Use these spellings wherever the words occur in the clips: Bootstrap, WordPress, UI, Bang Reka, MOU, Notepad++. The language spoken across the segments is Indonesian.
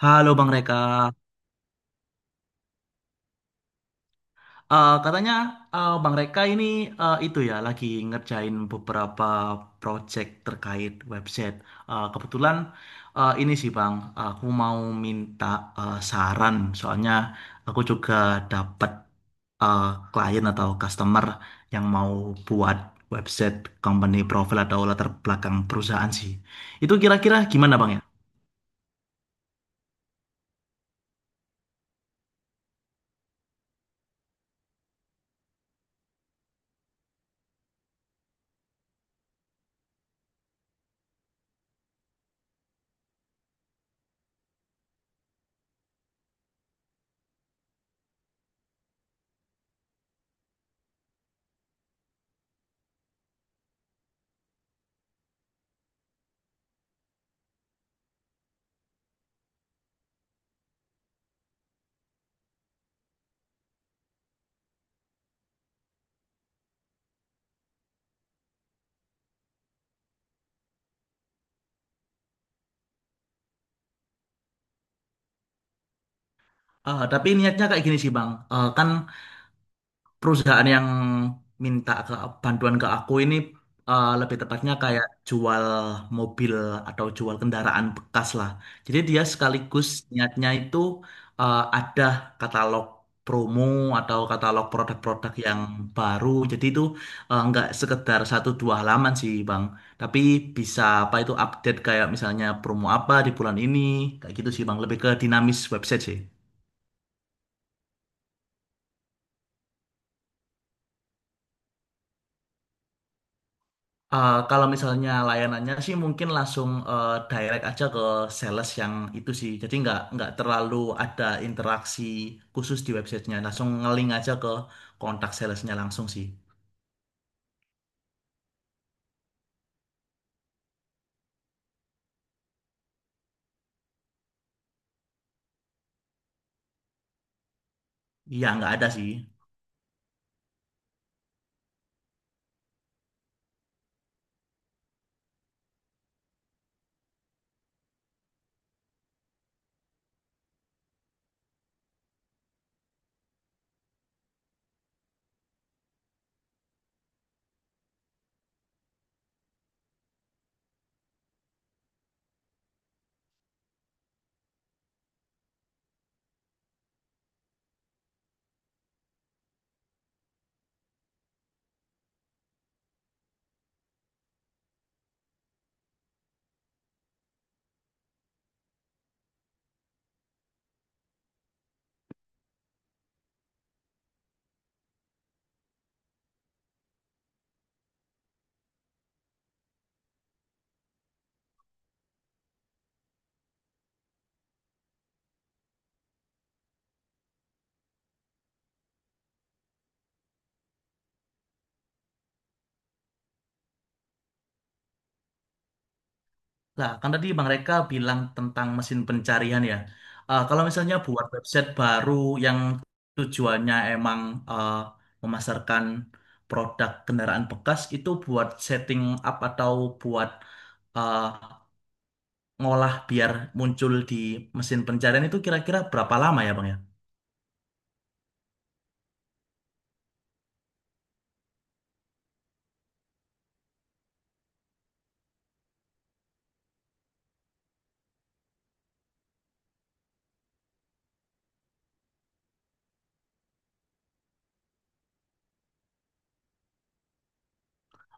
Halo Bang Reka. Katanya Bang Reka ini itu ya lagi ngerjain beberapa project terkait website. Kebetulan ini sih Bang, aku mau minta saran soalnya aku juga dapat eh, klien atau customer yang mau buat website company profile atau latar belakang perusahaan sih. Itu kira-kira gimana Bang ya? Tapi niatnya kayak gini sih Bang. Kan perusahaan yang minta ke bantuan ke aku ini lebih tepatnya kayak jual mobil atau jual kendaraan bekas lah. Jadi dia sekaligus niatnya itu ada katalog promo atau katalog produk-produk yang baru. Jadi itu nggak sekedar satu dua halaman sih Bang, tapi bisa apa itu update kayak misalnya promo apa di bulan ini, kayak gitu sih Bang. Lebih ke dinamis website sih. Kalau misalnya layanannya sih mungkin langsung direct aja ke sales yang itu sih. Jadi nggak terlalu ada interaksi khusus di websitenya. Langsung ngeling aja ke kontak salesnya langsung sih. Iya nggak ada sih. Lah kan tadi Bang Reka bilang tentang mesin pencarian ya. Kalau misalnya buat website baru yang tujuannya emang eh, memasarkan produk kendaraan bekas itu buat setting up atau buat eh, ngolah biar muncul di mesin pencarian itu kira-kira berapa lama ya Bang ya?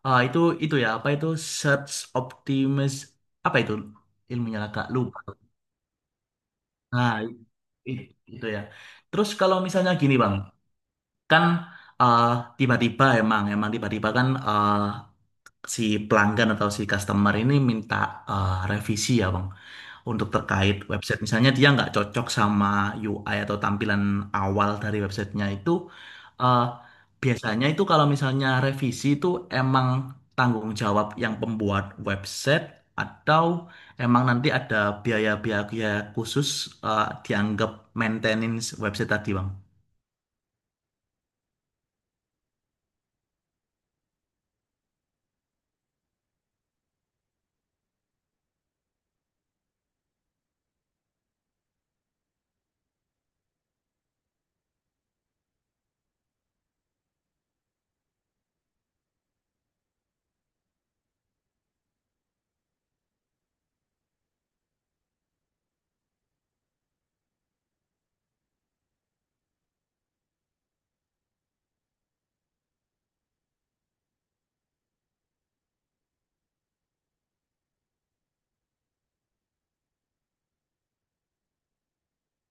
Ah, itu ya apa itu search optimis apa itu ilmunya agak lupa. Nah, i- itu ya. Terus kalau misalnya gini Bang, kan ah, tiba-tiba emang emang tiba-tiba kan ah, si pelanggan atau si customer ini minta ah, revisi ya Bang, untuk terkait website. Misalnya dia nggak cocok sama UI atau tampilan awal dari websitenya itu, eh, biasanya itu kalau misalnya revisi itu emang tanggung jawab yang pembuat website atau emang nanti ada biaya-biaya khusus dianggap maintenance website tadi, Bang?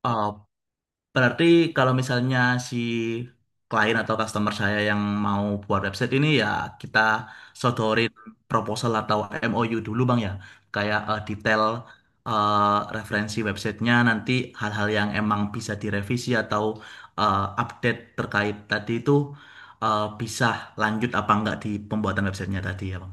Eh, berarti kalau misalnya si klien atau customer saya yang mau buat website ini, ya kita sodorin proposal atau MOU dulu Bang ya. Kayak detail referensi websitenya, nanti hal-hal yang emang bisa direvisi atau update terkait tadi itu bisa lanjut apa enggak di pembuatan websitenya tadi ya Bang.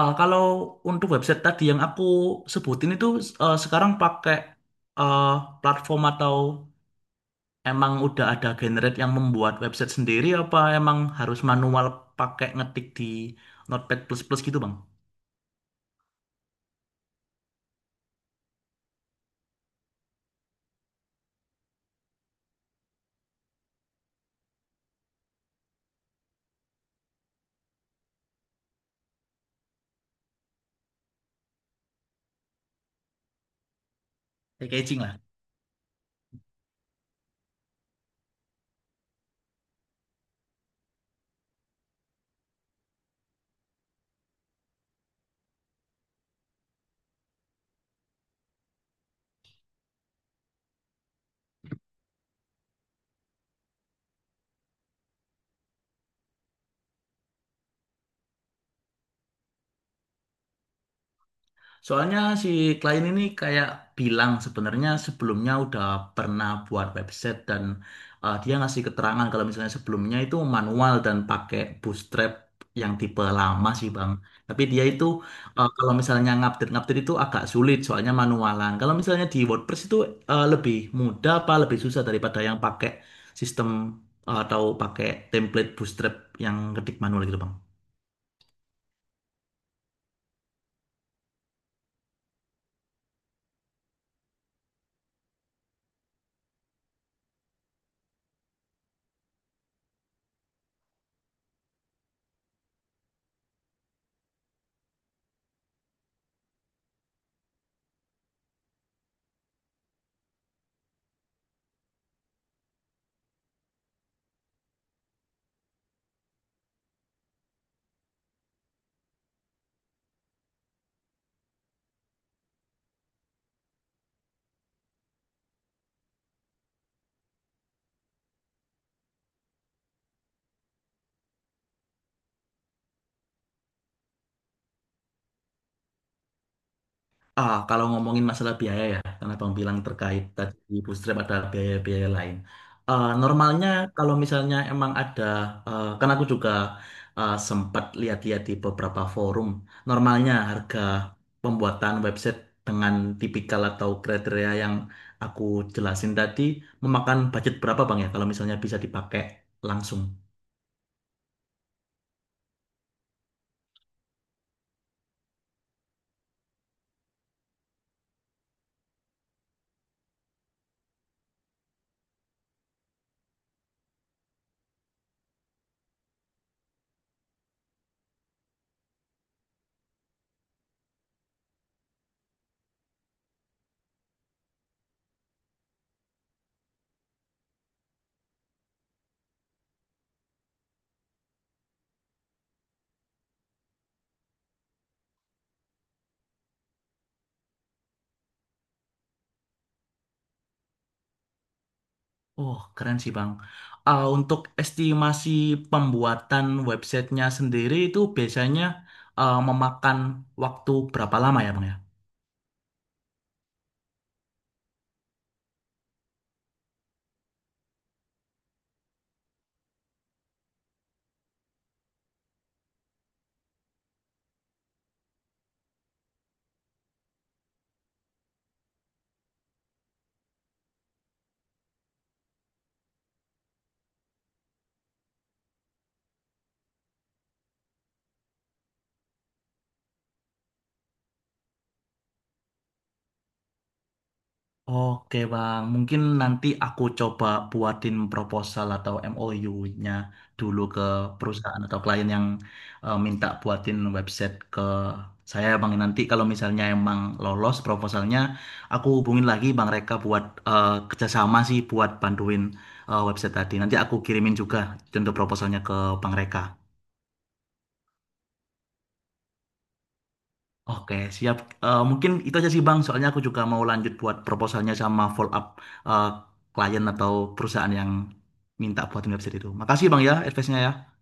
Eh, kalau untuk website tadi yang aku sebutin itu sekarang pakai eh, platform atau emang udah ada generate yang membuat website sendiri apa emang harus manual pakai ngetik di Notepad plus plus gitu Bang? Packaging lah. Soalnya si klien ini kayak bilang sebenarnya sebelumnya udah pernah buat website dan dia ngasih keterangan kalau misalnya sebelumnya itu manual dan pakai bootstrap yang tipe lama sih Bang. Tapi dia itu kalau misalnya ngupdate-ngupdate itu agak sulit soalnya manualan. Kalau misalnya di WordPress itu lebih mudah apa lebih susah daripada yang pakai sistem atau pakai template bootstrap yang ketik manual gitu Bang? Ah, kalau ngomongin masalah biaya ya, karena Bang bilang terkait tadi di Bootstrap ada biaya-biaya lain. Normalnya kalau misalnya emang ada, karena aku juga sempat lihat-lihat di beberapa forum, normalnya harga pembuatan website dengan tipikal atau kriteria yang aku jelasin tadi memakan budget berapa Bang ya, kalau misalnya bisa dipakai langsung. Oh, keren sih Bang. Ah, untuk estimasi pembuatan websitenya sendiri itu biasanya ah, memakan waktu berapa lama ya Bang ya? Oke Bang, mungkin nanti aku coba buatin proposal atau MOU-nya dulu ke perusahaan atau klien yang minta buatin website ke saya Bang. Nanti kalau misalnya emang lolos proposalnya, aku hubungin lagi Bang Reka buat kerjasama sih buat bantuin website tadi. Nanti aku kirimin juga untuk proposalnya ke Bang Reka. Oke, siap. Mungkin itu aja sih Bang, soalnya aku juga mau lanjut buat proposalnya sama follow up eh, klien atau perusahaan yang minta buatin website itu. Makasih Bang ya, advice-nya ya.